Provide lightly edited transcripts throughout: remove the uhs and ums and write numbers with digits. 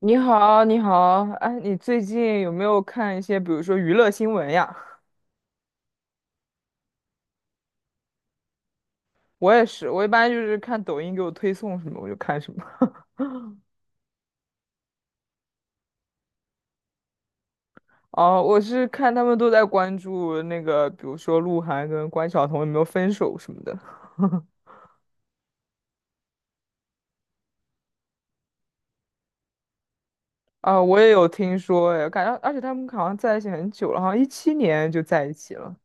你好，你好，哎，你最近有没有看一些，比如说娱乐新闻呀？我也是，我一般就是看抖音给我推送什么，我就看什么。哦，我是看他们都在关注那个，比如说鹿晗跟关晓彤有没有分手什么的。啊、我也有听说，哎，感觉而且他们好像在一起很久了，好像17年就在一起了。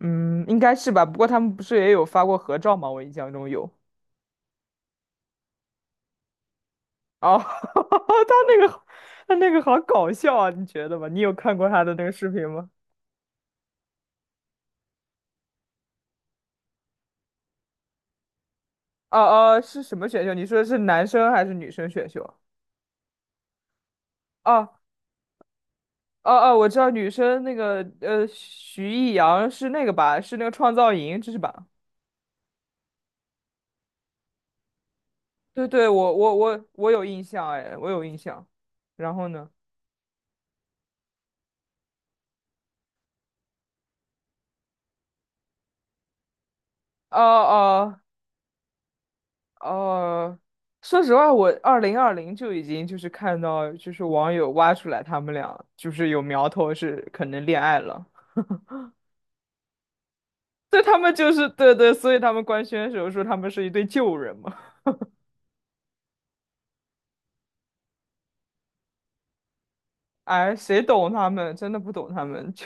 嗯，应该是吧。不过他们不是也有发过合照吗？我印象中有。哦，他那个好搞笑啊，你觉得吗？你有看过他的那个视频吗？哦哦，是什么选秀？你说的是男生还是女生选秀？哦哦哦，我知道女生那个徐艺洋是那个吧？是那个创造营，这是吧？对对，我有印象，哎，我有印象。然后呢？哦哦哦，说实话，我2020就已经就是看到，就是网友挖出来他们俩就是有苗头是可能恋爱了，所以他们就是对对，所以他们官宣的时候说他们是一对旧人嘛。哎，谁懂他们？真的不懂他们。就，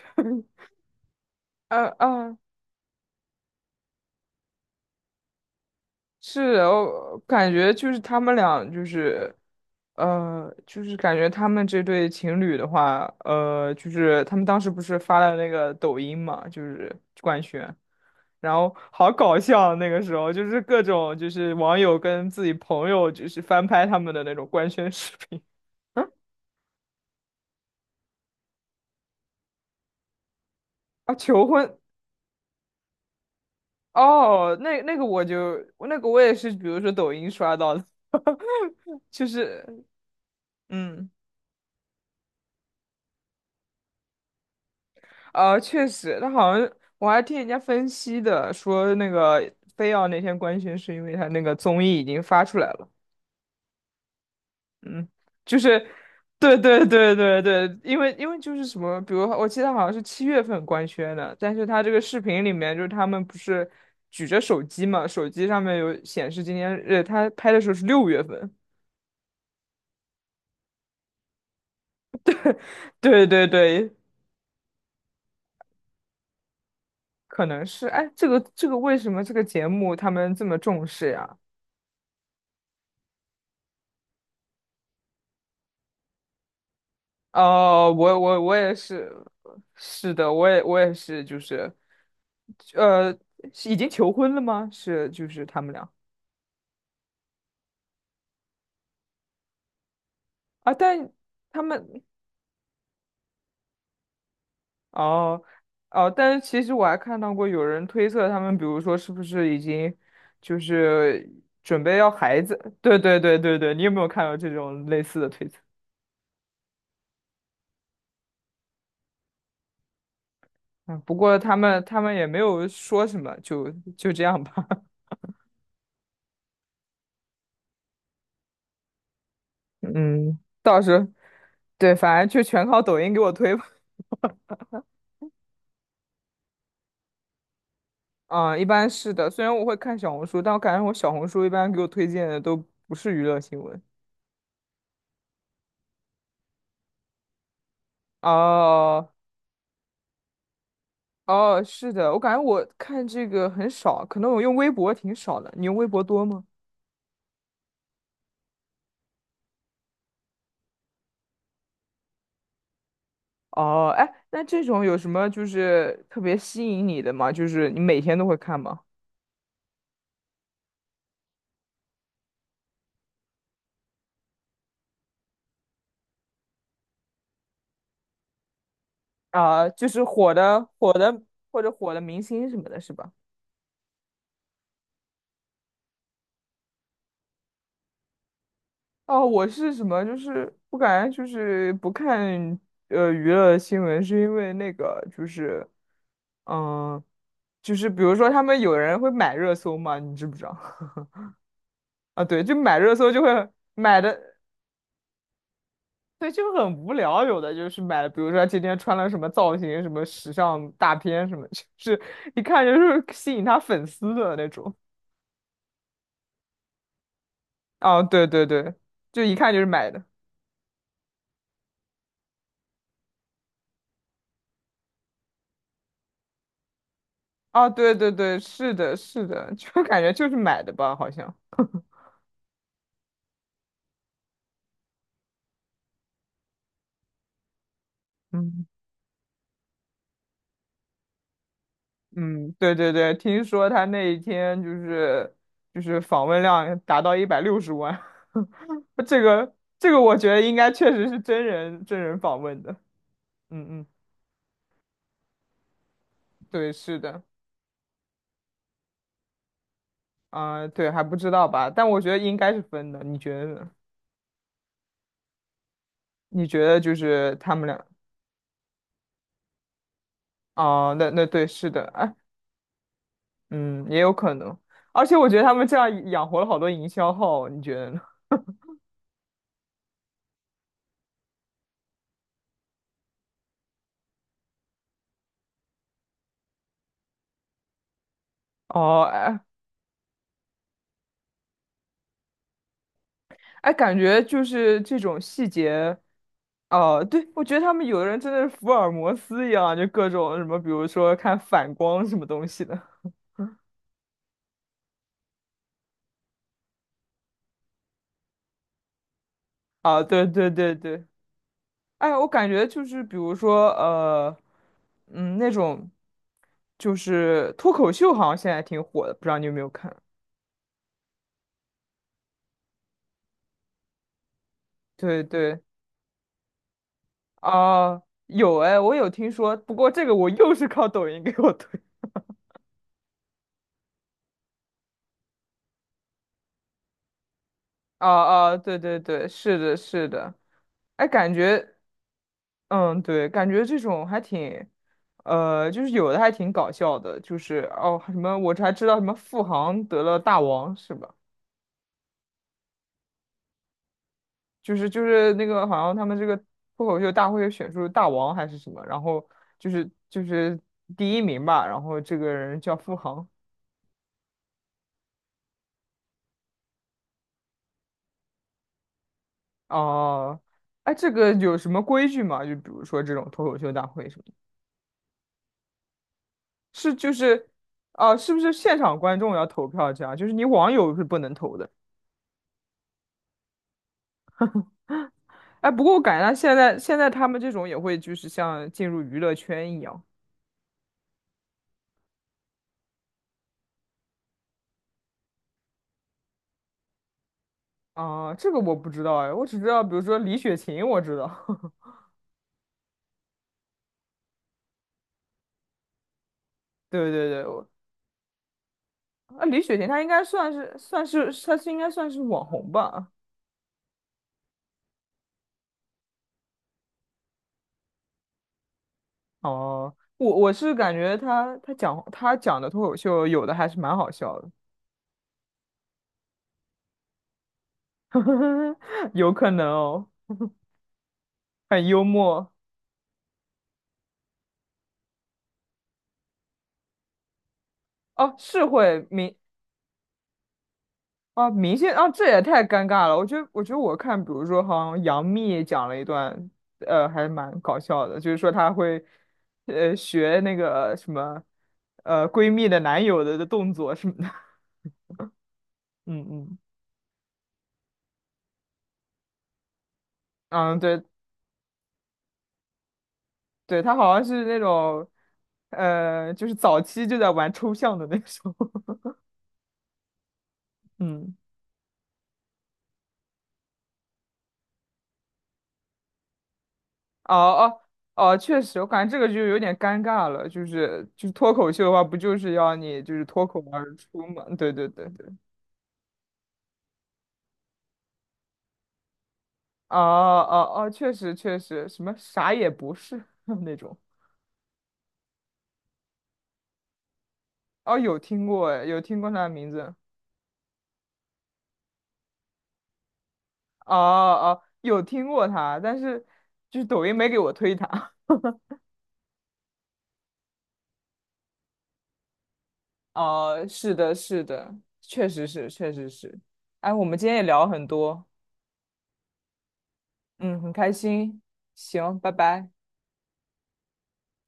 嗯嗯，是，我感觉就是他们俩，就是，就是感觉他们这对情侣的话，就是他们当时不是发了那个抖音嘛，就是官宣，然后好搞笑，那个时候就是各种就是网友跟自己朋友就是翻拍他们的那种官宣视频。啊，求婚哦，那个我就那个我也是，比如说抖音刷到的，就是嗯确实，他好像我还听人家分析的，说那个非要那天官宣是因为他那个综艺已经发出来了，嗯，就是对对对对对，因为就是什么，比如我记得好像是7月份官宣的，但是他这个视频里面就是他们不是举着手机嘛，手机上面有显示今天，他拍的时候是6月份。对对对，可能是，哎，这个为什么这个节目他们这么重视呀？哦，我也是，是的，我也是，就是，呃，是已经求婚了吗？是，就是他们俩啊，但他们哦哦，但是其实我还看到过有人推测他们，比如说是不是已经就是准备要孩子？对对对对对，你有没有看到这种类似的推测？嗯，不过他们也没有说什么，就这样吧。嗯，倒是，对，反正就全靠抖音给我推吧。嗯，一般是的，虽然我会看小红书，但我感觉我小红书一般给我推荐的都不是娱乐新闻。哦哦，是的，我感觉我看这个很少，可能我用微博挺少的。你用微博多吗？哦，哎，那这种有什么就是特别吸引你的吗？就是你每天都会看吗？啊、就是火的或者火的明星什么的，是吧？哦，我是什么？就是我感觉就是不看娱乐新闻，是因为那个就是，嗯、就是比如说他们有人会买热搜嘛，你知不知道？啊，对，就买热搜就会买的，对，就很无聊。有的就是买，的，比如说他今天穿了什么造型、什么时尚大片什么，就是一看就是吸引他粉丝的那种。啊，对对对，就一看就是买的。啊，对对对，是的，是的，就感觉就是买的吧，好像。嗯嗯，对对对，听说他那一天就是访问量达到160万，这个我觉得应该确实是真人真人访问的。嗯嗯，对，是的，啊、对，还不知道吧？但我觉得应该是分的，你觉得呢？你觉得就是他们俩啊、那对，是的，哎，嗯，也有可能。而且我觉得他们这样养活了好多营销号，你觉得呢？哦，哎哎，感觉就是这种细节，哦、对，我觉得他们有的人真的是福尔摩斯一样，就各种什么，比如说看反光什么东西的。啊，对对对对，哎，我感觉就是比如说，嗯，那种就是脱口秀，好像现在挺火的，不知道你有没有看？对对，啊、有哎，我有听说，不过这个我又是靠抖音给我推。啊啊，对对对，是的，是的。哎，感觉嗯，对，感觉这种还挺，就是有的还挺搞笑的，就是哦，什么我还知道什么付航得了大王是吧？就是那个好像他们这个脱口秀大会选出大王还是什么，然后就是第一名吧，然后这个人叫付航哦，哎，这个有什么规矩吗？就比如说这种脱口秀大会什么的是就是，啊，是不是现场观众要投票这样？就是你网友是不能投的。哎，不过我感觉他现在他们这种也会就是像进入娱乐圈一样啊，这个我不知道哎，我只知道比如说李雪琴，我知道，对对对，我啊李雪琴她应该算是她是应该算是网红吧？哦、我是感觉她讲的脱口秀有的还是蛮好笑的，有可能哦，很幽默哦，是会明啊，明星啊，这也太尴尬了。我觉得，我觉得我看，比如说，好像杨幂讲了一段，还蛮搞笑的，就是说她会，学那个什么，闺蜜的男友的动作什么的。嗯嗯嗯，对对，她好像是那种，就是早期就在玩抽象的那种。嗯，哦哦哦，确实，我感觉这个就有点尴尬了。就是脱口秀的话，不就是要你就是脱口而出嘛？对对对对。哦哦哦，确实确实，什么啥也不是 那种。哦，有听过诶，有听过他的名字。哦哦，有听过他，但是就是抖音没给我推他。哦，是的，是的，确实是，确实是。哎，我们今天也聊了很多，嗯，很开心。行，拜拜。